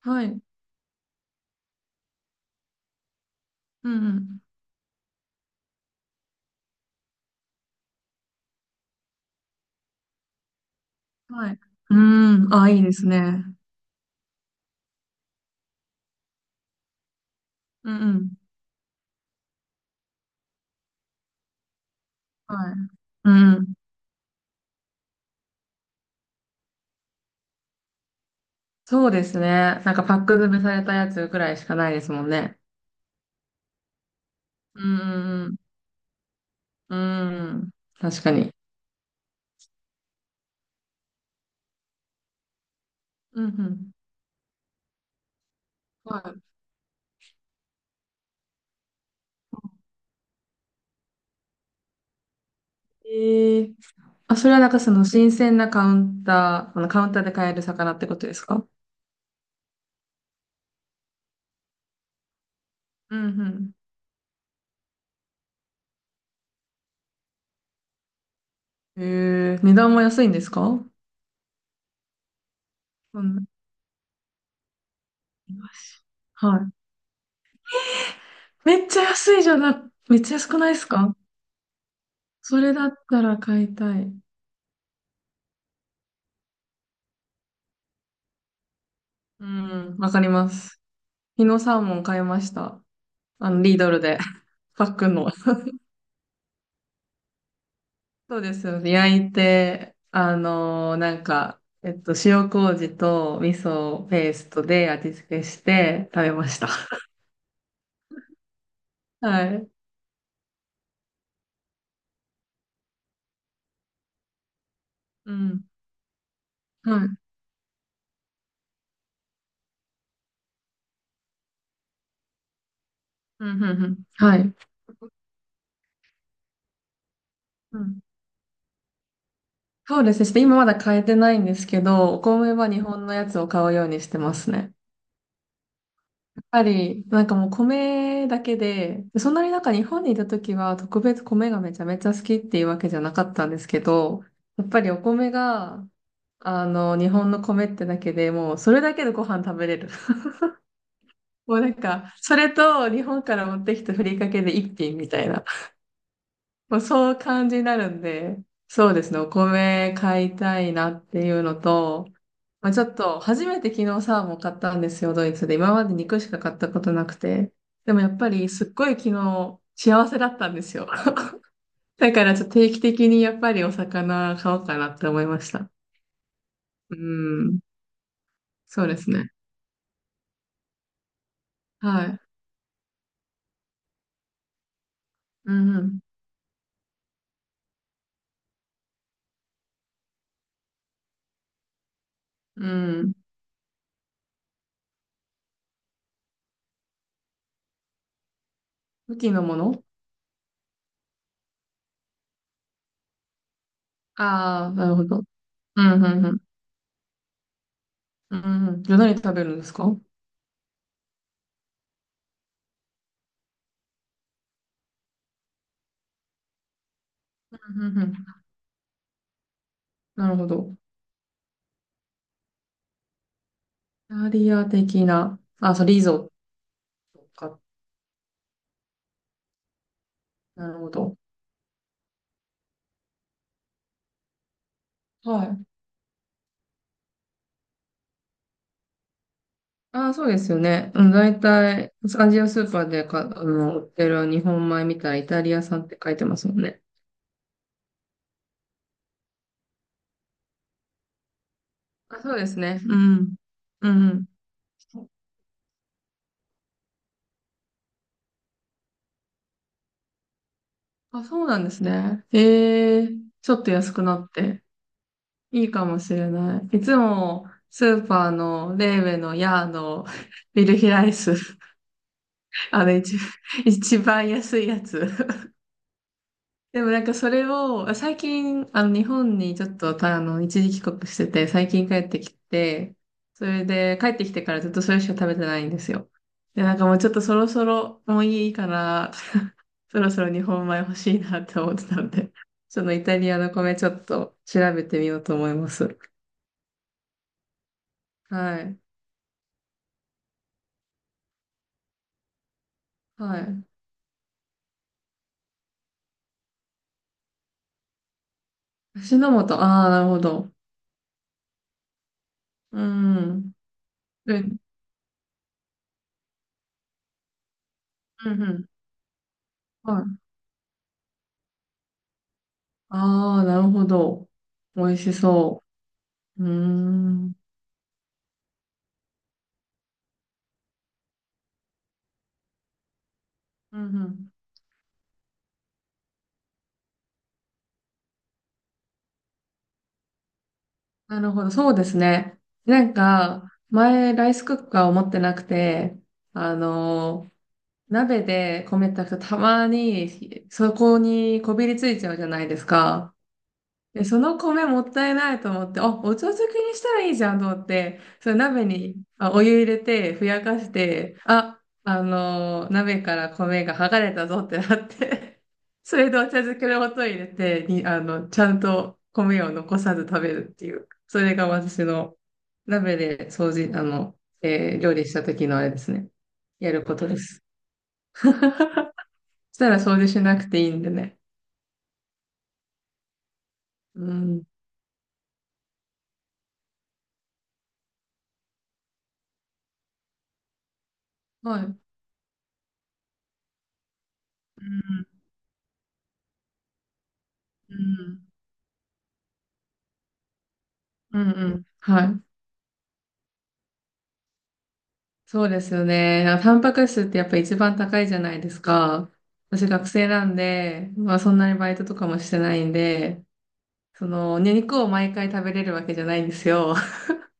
はい。うんうん。はい。うーん。あ、いいですね。うんうん。はい。うんうん。そうですね。なんかパック詰めされたやつくらいしかないですもんね。うんうんうん。うん。確かに。うんうん。はい。ええ、あ、それはなんかその新鮮なカウンター、あのカウンターで買える魚ってことですか？うんうん。ええ、値段も安いんですか？うん。イワシ。はい。めっちゃ安くないですか？それだったら買いたい。うん、わかります。昨日サーモン買いました。リードルで。パックンの。そうですよね。焼いて、なんか、塩麹と味噌ペーストで味付けして食べました。はい。うん。はい。うん、うん、うん。はい。うん。そうですね。ちょっと今まだ買えてないんですけど、お米は日本のやつを買うようにしてますね。なんかもう米だけで、そんなになんか日本にいた時は特別米がめちゃめちゃ好きっていうわけじゃなかったんですけど、やっぱりお米が、日本の米ってだけでもうそれだけでご飯食べれる。もうなんか、それと日本から持ってきたふりかけで一品みたいな、もうそう感じになるんで、そうですね、お米買いたいなっていうのと、まあ、ちょっと、初めて昨日サーモン買ったんですよ、ドイツで。今まで肉しか買ったことなくて。でもやっぱり、すっごい昨日、幸せだったんですよ。だから、ちょっと定期的にやっぱりお魚買おうかなって思いました。うん。そうですね。はい。うんうん。うん。武器のもの？ああー、なるほど。うんうんうん。うんうん。じゃあ何食べるんですか？うんうんうん。なるほど。イタリア的な。あ、そう、リゾットか。なるほど。はい。ああ、そうですよね。うん、大体、アジアスーパーでか、売ってる日本米みたいイタリア産って書いてますもんね。あ、そうですね。うん。うん。あ、そうなんですね。ええ、ちょっと安くなって、いいかもしれない。いつも、スーパーの、レーベのヤーのビルヒライス、あの、一、一番安いやつ。でもなんかそれを、最近、日本にちょっとたあの一時帰国してて、最近帰ってきて、それで帰ってきてからずっとそれしか食べてないんですよ。で、なんかもうちょっとそろそろもういいから、そろそろ日本米欲しいなって思ってたんで、そのイタリアの米ちょっと調べてみようと思います。はい。はい。足の素、ああ、なるほど。うん。うん、うん、うん。はい。ああ、なるほど。美味しそう。うーん。うんうん。なるほど、そうですね。なんか、前、ライスクッカーを持ってなくて、あの、鍋で米炊くとたまに、そこにこびりついちゃうじゃないですか。で、その米もったいないと思って、あ、お茶漬けにしたらいいじゃんと思って、その鍋にお湯入れて、ふやかして、あ、鍋から米が剥がれたぞってなって、それでお茶漬けの素を入れて、に、あの、ちゃんと米を残さず食べるっていう、それが私の鍋で掃除、料理した時のあれですね。やることです。そしたら掃除しなくていいんでね。うん。はい。うん。うん。うんうん。はい。そうですよね。なんかタンパク質ってやっぱ一番高いじゃないですか。私学生なんで、まあそんなにバイトとかもしてないんで、ね、肉を毎回食べれるわけじゃないんですよ。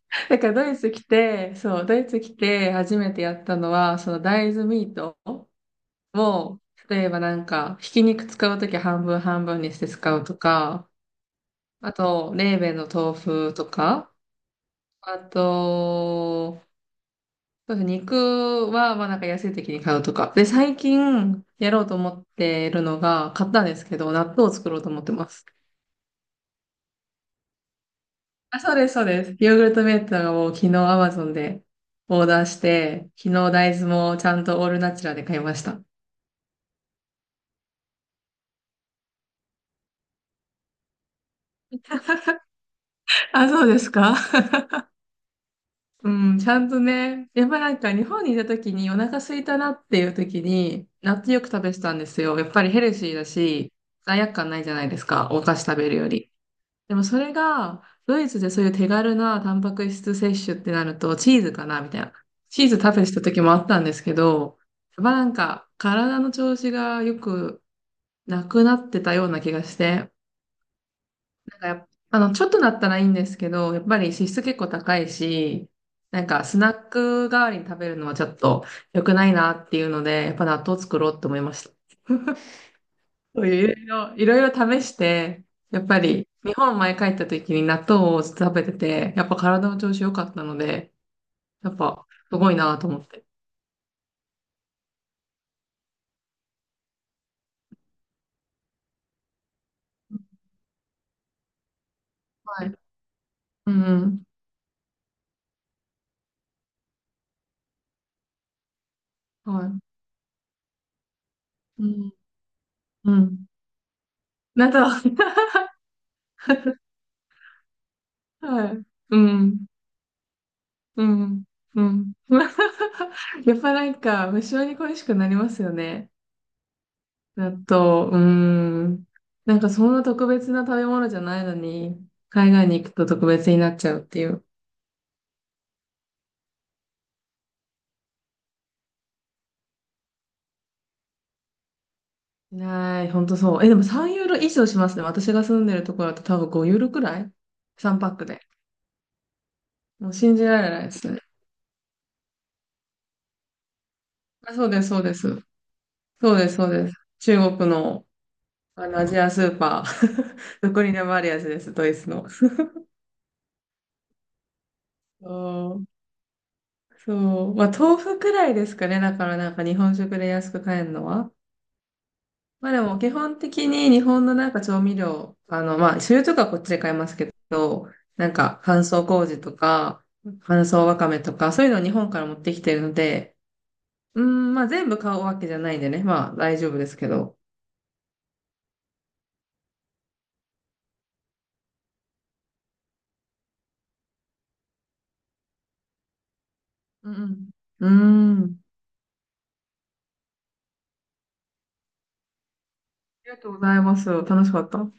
だからドイツ来て、そう、ドイツ来て初めてやったのは、その大豆ミートを、例えばなんか、ひき肉使うとき半分半分にして使うとか、あと、レーベンの豆腐とか、あと、そうですね。肉は、まあなんか安い時に買うとか。で、最近やろうと思ってるのが、買ったんですけど、納豆を作ろうと思ってます。あ、そうです、そうです。ヨーグルトメーターを昨日 Amazon でオーダーして、昨日大豆もちゃんとオールナチュラで買いました。あ、そうですか。うん、ちゃんとね、やっぱなんか日本にいた時にお腹空いたなっていう時に、納豆よく食べてたんですよ。やっぱりヘルシーだし、罪悪感ないじゃないですか、お菓子食べるより。でもそれが、ドイツでそういう手軽なタンパク質摂取ってなると、チーズかなみたいな。チーズ食べてた時もあったんですけど、やっぱなんか、体の調子がよくなくなってたような気がして、なんかやっあの、ちょっとなったらいいんですけど、やっぱり脂質結構高いし、なんかスナック代わりに食べるのはちょっと良くないなっていうので、やっぱ納豆作ろうって思いました。そういろいろ試して、やっぱり日本前帰った時に納豆を食べてて、やっぱ体の調子良かったので、やっぱすごいなと思って。はい。うん。はい。うん。うん。納豆。はい。うん。うん。うん。やっぱなんか無性に恋しくなりますよね。納豆。うん。なんかそんな特別な食べ物じゃないのに、海外に行くと特別になっちゃうっていう。ない、ほんとそう。え、でも3ユーロ以上しますね。私が住んでるところだと多分5ユーロくらい ?3 パックで。もう信じられないですね。あ、そうです、そうです。そうです、そうです。中国の、あのアジアスーパー。どこにでもあるやつです、ドイツの。そう、そう。まあ、豆腐くらいですかね。だからなんか日本食で安く買えるのは。まあでも基本的に日本のなんか調味料、まあ醤油とかこっちで買いますけど、なんか乾燥麹とか乾燥わかめとかそういうのを日本から持ってきてるので、うーん、まあ全部買うわけじゃないんでね、まあ大丈夫ですけど。うんうん。うーん。ありがとうございます。楽しかった。